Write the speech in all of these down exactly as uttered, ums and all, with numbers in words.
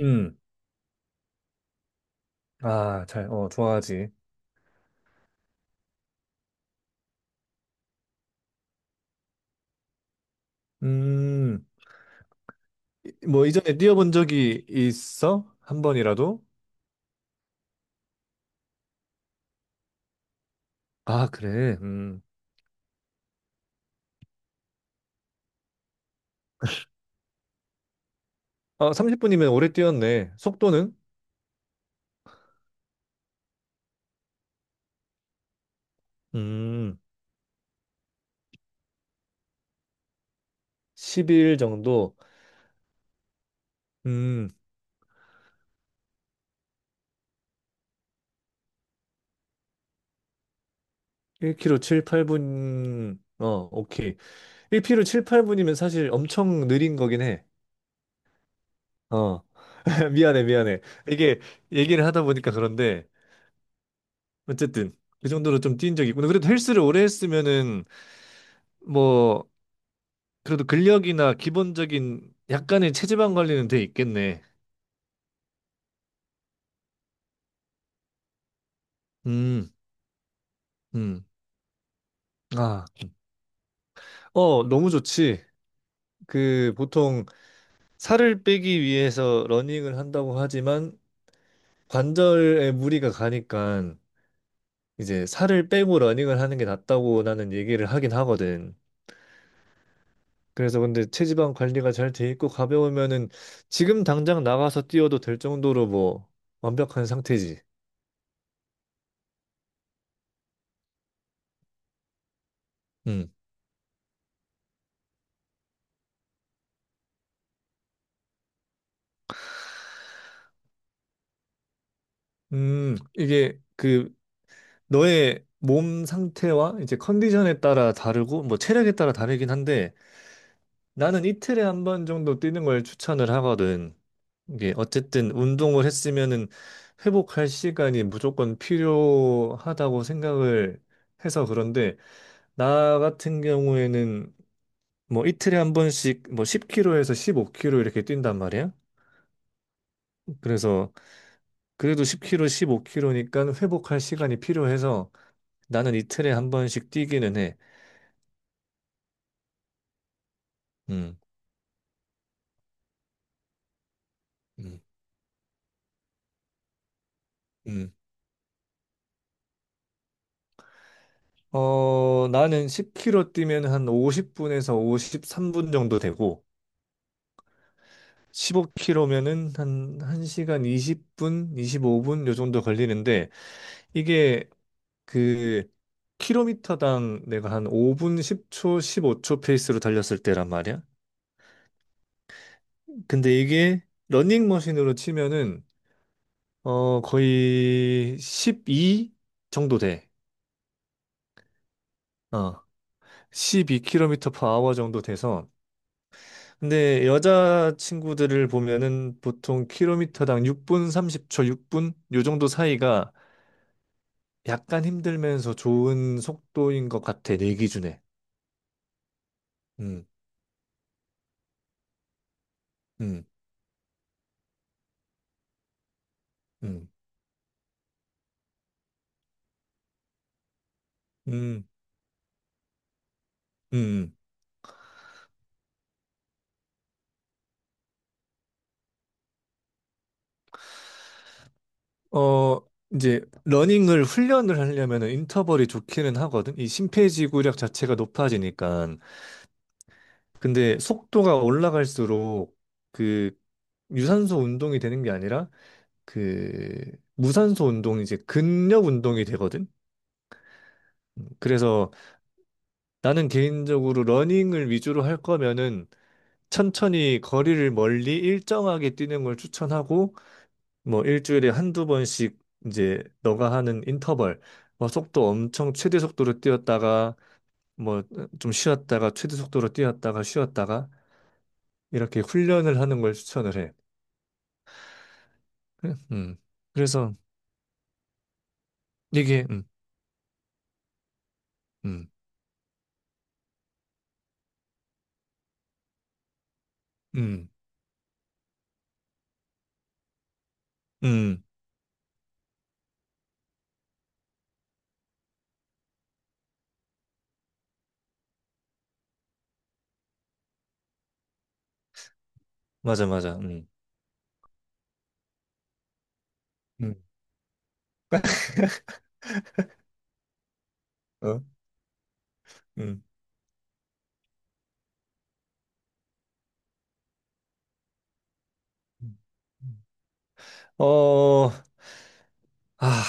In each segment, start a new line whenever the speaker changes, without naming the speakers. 음, 아, 잘, 어, 좋아하지. 음, 이- 뭐, 이전에 뛰어본 적이 있어? 한 번이라도? 아, 그래. 음. 아, 삼십 분이면 오래 뛰었네. 속도는? 음, 십 일 정도. 음, 일 킬로미터 칠, 팔 분. 어, 오케이. 일 킬로미터 칠, 팔 분이면 사실 엄청 느린 거긴 해. 어, 미안해, 미안해. 이게 얘기를 하다 보니까 그런데, 어쨌든, 그 정도로 좀 뛴 적이 있구나. 그래도 헬스를 오래 했으면은, 뭐 그래도 근력이나 기본적인 약간의 체지방 관리는 돼 있겠네. 음, 음. 아, 어, 너무 좋지. 그 보통 살을 빼기 위해서 러닝을 한다고 하지만 관절에 무리가 가니까 이제 살을 빼고 러닝을 하는 게 낫다고 나는 얘기를 하긴 하거든. 그래서 근데 체지방 관리가 잘 돼 있고 가벼우면은 지금 당장 나가서 뛰어도 될 정도로 뭐 완벽한 상태지. 음. 음, 이게 그 너의 몸 상태와 이제 컨디션에 따라 다르고 뭐 체력에 따라 다르긴 한데 나는 이틀에 한 번 정도 뛰는 걸 추천을 하거든. 이게 어쨌든 운동을 했으면은 회복할 시간이 무조건 필요하다고 생각을 해서 그런데 나 같은 경우에는 뭐 이틀에 한 번씩 뭐 십 킬로미터에서 일 오 k 로 이렇게 뛴단 말이야. 그래서 그래도 십 킬로미터, 십오 킬로미터니까 회복할 시간이 필요해서 나는 이틀에 한 번씩 뛰기는 해. 음. 음, 음. 어, 나는 십 킬로미터 뛰면 한 오십 분에서 오십삼 분 정도 되고, 십오 킬로미터면은 한 1시간 이십 분, 이십오 분 요 정도 걸리는데, 이게 그 킬로미터당 내가 한 오 분 십 초, 십오 초 페이스로 달렸을 때란 말이야. 근데 이게 러닝머신으로 치면은 어, 거의 십이 정도 돼. 어. 십이 킬로미터 per hour 정도 돼서 근데 여자 친구들을 보면은 보통 킬로미터당 육 분 삼십 초, 육 분 요 정도 사이가 약간 힘들면서 좋은 속도인 것 같아, 내 기준에. 음, 음, 음, 음, 음. 음. 어, 이제 러닝을 훈련을 하려면은 인터벌이 좋기는 하거든. 이 심폐지구력 자체가 높아지니까. 근데 속도가 올라갈수록 그 유산소 운동이 되는 게 아니라 그 무산소 운동 이제 근력 운동이 되거든. 그래서 나는 개인적으로 러닝을 위주로 할 거면은 천천히 거리를 멀리 일정하게 뛰는 걸 추천하고 뭐 일주일에 한두 번씩 이제 너가 하는 인터벌 뭐 속도 엄청 최대 속도로 뛰었다가 뭐 좀 쉬었다가 최대 속도로 뛰었다가 쉬었다가 이렇게 훈련을 하는 걸 추천을 해. 그래- 음. 그래서 이게 음. 음. 음. 음. 맞아 맞아. 음. 음. 어? 음. 음. 음. 어, 아,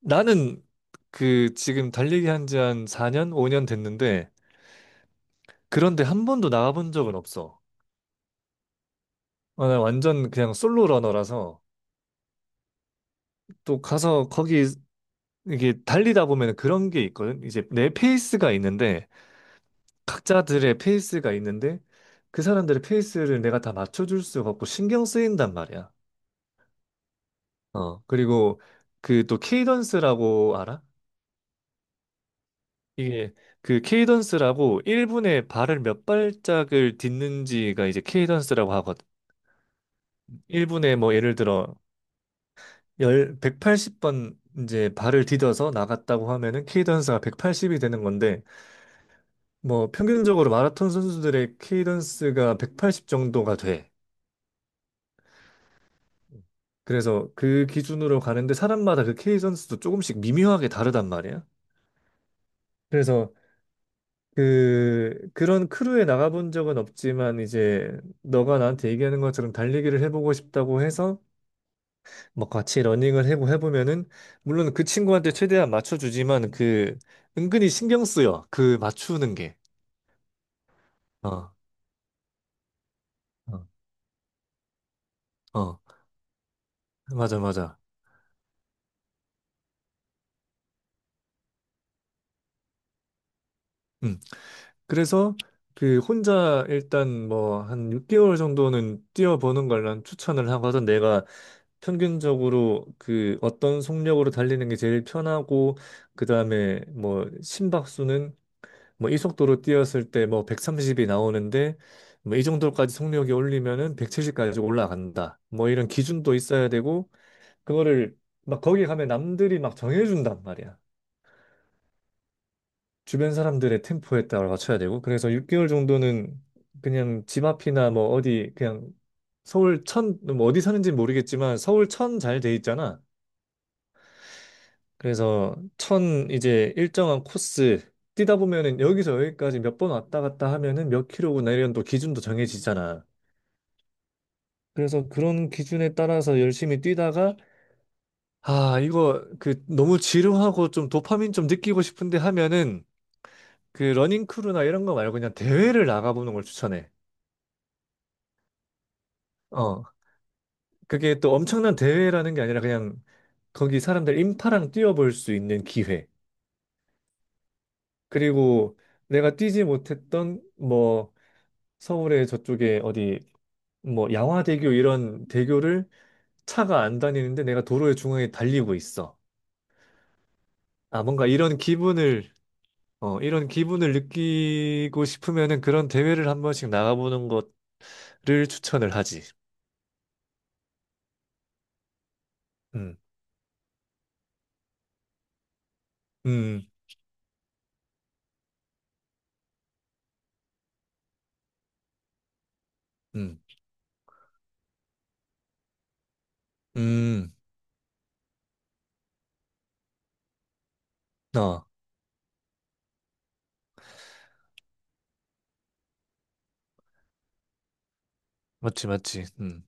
나는 그 지금 달리기 한지 한 사 년, 오 년 됐는데 그런데 한 번도 나가본 적은 없어. 어, 나 완전 그냥 솔로 러너라서 또 가서 거기 이게 달리다 보면 그런 게 있거든. 이제 내 페이스가 있는데 각자들의 페이스가 있는데 그 사람들의 페이스를 내가 다 맞춰줄 수가 없고 신경 쓰인단 말이야. 어, 그리고 그 또 케이던스라고 알아? 이게 그 케이던스라고 일 분에 발을 몇 발짝을 딛는지가 이제 케이던스라고 하거든. 일 분에 뭐 예를 들어 열 백팔십 번 이제 발을 디뎌서 나갔다고 하면은 케이던스가 백팔십이 되는 건데 뭐 평균적으로 마라톤 선수들의 케이던스가 백팔십 정도가 돼. 그래서 그 기준으로 가는데 사람마다 그 케이던스도 조금씩 미묘하게 다르단 말이야. 그래서 그 그런 크루에 나가본 적은 없지만 이제 너가 나한테 얘기하는 것처럼 달리기를 해보고 싶다고 해서 뭐 같이 러닝을 해고 해보면은 물론 그 친구한테 최대한 맞춰주지만 그 은근히 신경 쓰여 그 맞추는 게 어 어 어, 맞아 맞아 응. 그래서 그 혼자 일단 뭐 한 육 개월 정도는 뛰어보는 걸 난 추천을 하거든. 내가 평균적으로 그 어떤 속력으로 달리는 게 제일 편하고 그다음에 뭐 심박수는 뭐 이 속도로 뛰었을 때 뭐 백삼십이 나오는데 뭐 이 정도까지 속력이 올리면은 백칠십까지 올라간다. 뭐 이런 기준도 있어야 되고 그거를 막 거기 가면 남들이 막 정해준단 말이야. 주변 사람들의 템포에 따라 맞춰야 되고 그래서 육 개월 정도는 그냥 집 앞이나 뭐 어디 그냥 서울 천 뭐 어디 사는지 모르겠지만 서울 천 잘 돼 있잖아. 그래서 천 이제 일정한 코스 뛰다 보면은 여기서 여기까지 몇 번 왔다 갔다 하면은 몇 킬로구나 이런 또 기준도 정해지잖아. 그래서 그런 기준에 따라서 열심히 뛰다가 아 이거 그 너무 지루하고 좀 도파민 좀 느끼고 싶은데 하면은 그 러닝 크루나 이런 거 말고 그냥 대회를 나가보는 걸 추천해. 어, 그게 또 엄청난 대회라는 게 아니라 그냥 거기 사람들 인파랑 뛰어볼 수 있는 기회. 그리고 내가 뛰지 못했던 뭐 서울의 저쪽에 어디 뭐 양화대교 이런 대교를 차가 안 다니는데 내가 도로의 중앙에 달리고 있어. 아, 뭔가 이런 기분을 어, 이런 기분을 느끼고 싶으면은 그런 대회를 한 번씩 나가보는 것을 추천을 하지. 음, 음, 음, 음, 어, 맞지, 맞지. 음,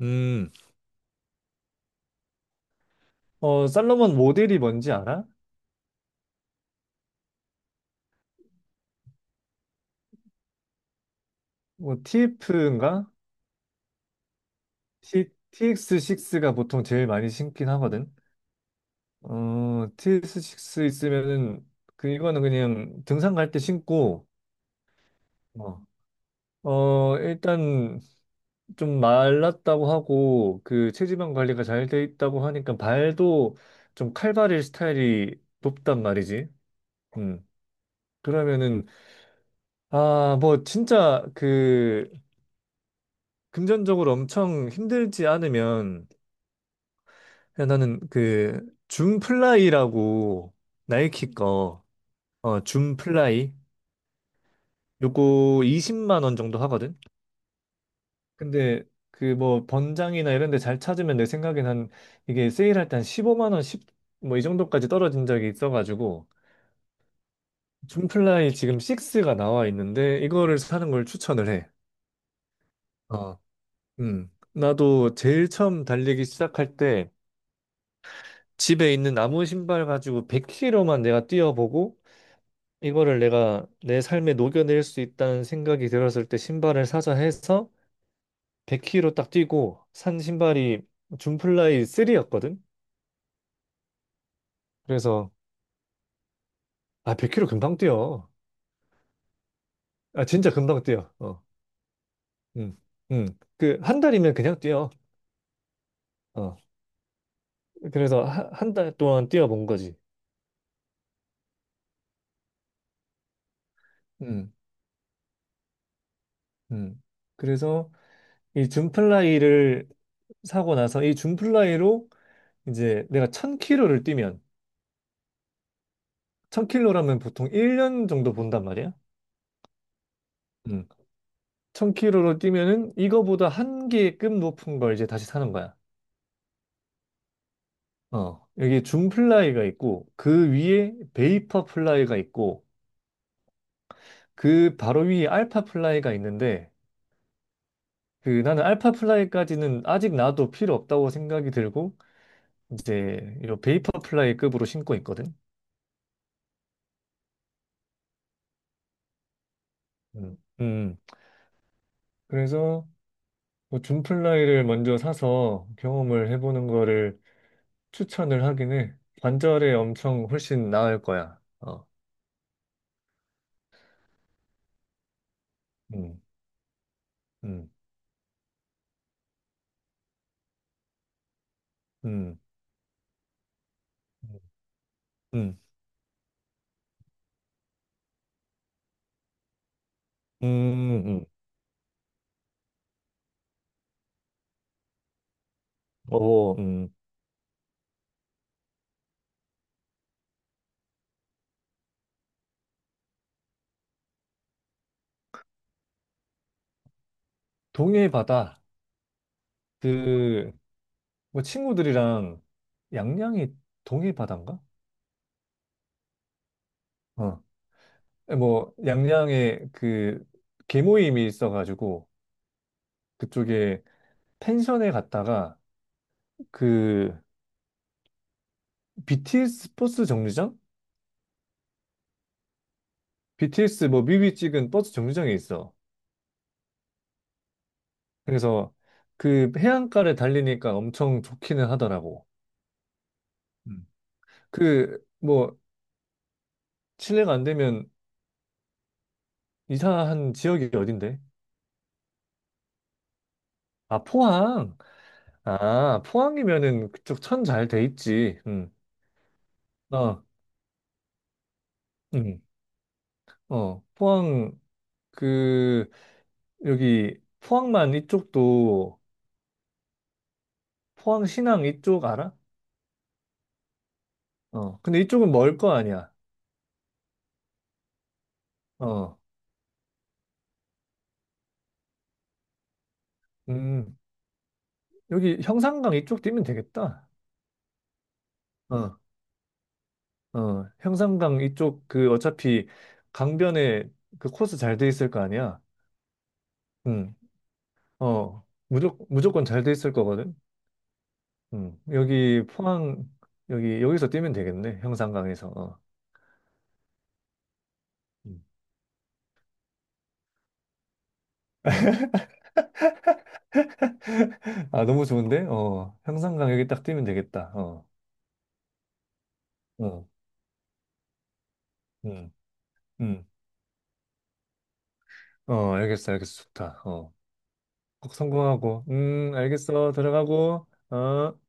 음. 어, 살로몬 모델이 뭔지 알아? 뭐, 티에프인가? T, x 육가 보통 제일 많이 신긴 하거든. 어, 티엑스 식스 있으면은, 그, 이거는 그냥 등산 갈 때 신고, 어, 어, 일단 좀 말랐다고 하고, 그, 체지방 관리가 잘 돼 있다고 하니까 발도 좀 칼발일 스타일이 높단 말이지. 음. 그러면은, 아, 뭐, 진짜 그, 금전적으로 엄청 힘들지 않으면, 야, 나는 그 줌플라이라고 나이키 거 어, 줌플라이 요거 이십만 원 정도 하거든. 근데 그 뭐 번장이나 이런 데 잘 찾으면 내 생각엔 한 이게 세일할 때 한 십오만 원, 십, 뭐 이 정도까지 떨어진 적이 있어가지고 줌플라이 지금 식스가 나와 있는데 이거를 사는 걸 추천을 해. 어, 음. 나도 제일 처음 달리기 시작할 때 집에 있는 나무 신발 가지고 백 킬로미터만 내가 뛰어보고 이거를 내가 내 삶에 녹여낼 수 있다는 생각이 들었을 때 신발을 사자 해서 백 킬로미터 딱 뛰고 산 신발이 줌플라이 쓰리였거든. 그래서 아 백 킬로미터 금방 뛰어. 아 진짜 금방 뛰어. 어, 음, 음. 그 한 달이면 그냥 뛰어. 어, 그래서 한 달 동안 뛰어본 거지. 음, 음. 그래서 이 줌플라이를 사고 나서 이 줌플라이로 이제 내가 천 케이 를 뛰면 천 케이 라면 보통 일 년 정도 본단 말이야. 음. 천 킬로미터로 뛰면은 이거보다 한 개급 높은 걸 이제 다시 사는 거야. 어, 여기 줌 플라이가 있고 그 위에 베이퍼 플라이가 있고 그 바로 위에 알파 플라이가 있는데 그 나는 알파 플라이까지는 아직 나도 필요 없다고 생각이 들고 이제 이 베이퍼 플라이급으로 신고 있거든. 음, 음. 그래서 뭐 줌 플라이를 먼저 사서 경험을 해보는 거를 추천을 하긴 해. 관절에 엄청 훨씬 나을 거야. 어, 음, 음. 음. 음, 음, 음. 음. 어, 음. 동해 바다. 그, 뭐 친구들이랑 양양이 동해 바다인가? 어. 예, 뭐 양양에 그 개모임이 있어가지고 그쪽에 펜션에 갔다가 그 비티에스 버스 정류장? 비티에스 뭐 뮤비 찍은 버스 정류장에 있어. 그래서 그 해안가를 달리니까 엄청 좋기는 하더라고. 음. 그 뭐 실례가 안 되면 이사한 지역이 어딘데? 아, 포항. 아, 포항이면은 그쪽 천 잘 돼 있지. 응. 어, 응. 어, 포항, 그, 여기, 포항만 이쪽도, 포항 신항 이쪽 알아? 어, 근데 이쪽은 멀 거 아니야. 어, 음. 여기 형산강 이쪽 뛰면 되겠다. 어, 어, 형산강 이쪽 그 어차피 강변에 그 코스 잘 돼 있을 거 아니야. 응. 어, 무조, 무조건 잘 돼 있을 거거든. 음, 여기 포항, 여기, 여기서 뛰면 되겠네. 형산강에서. 어. 음. 아, 너무 좋은데? 어, 형산강 여기 딱 뛰면 되겠다. 어, 어, 음, 음. 어, 알겠어, 알겠어. 좋다. 어, 꼭 성공하고. 음, 알겠어. 들어가고. 어.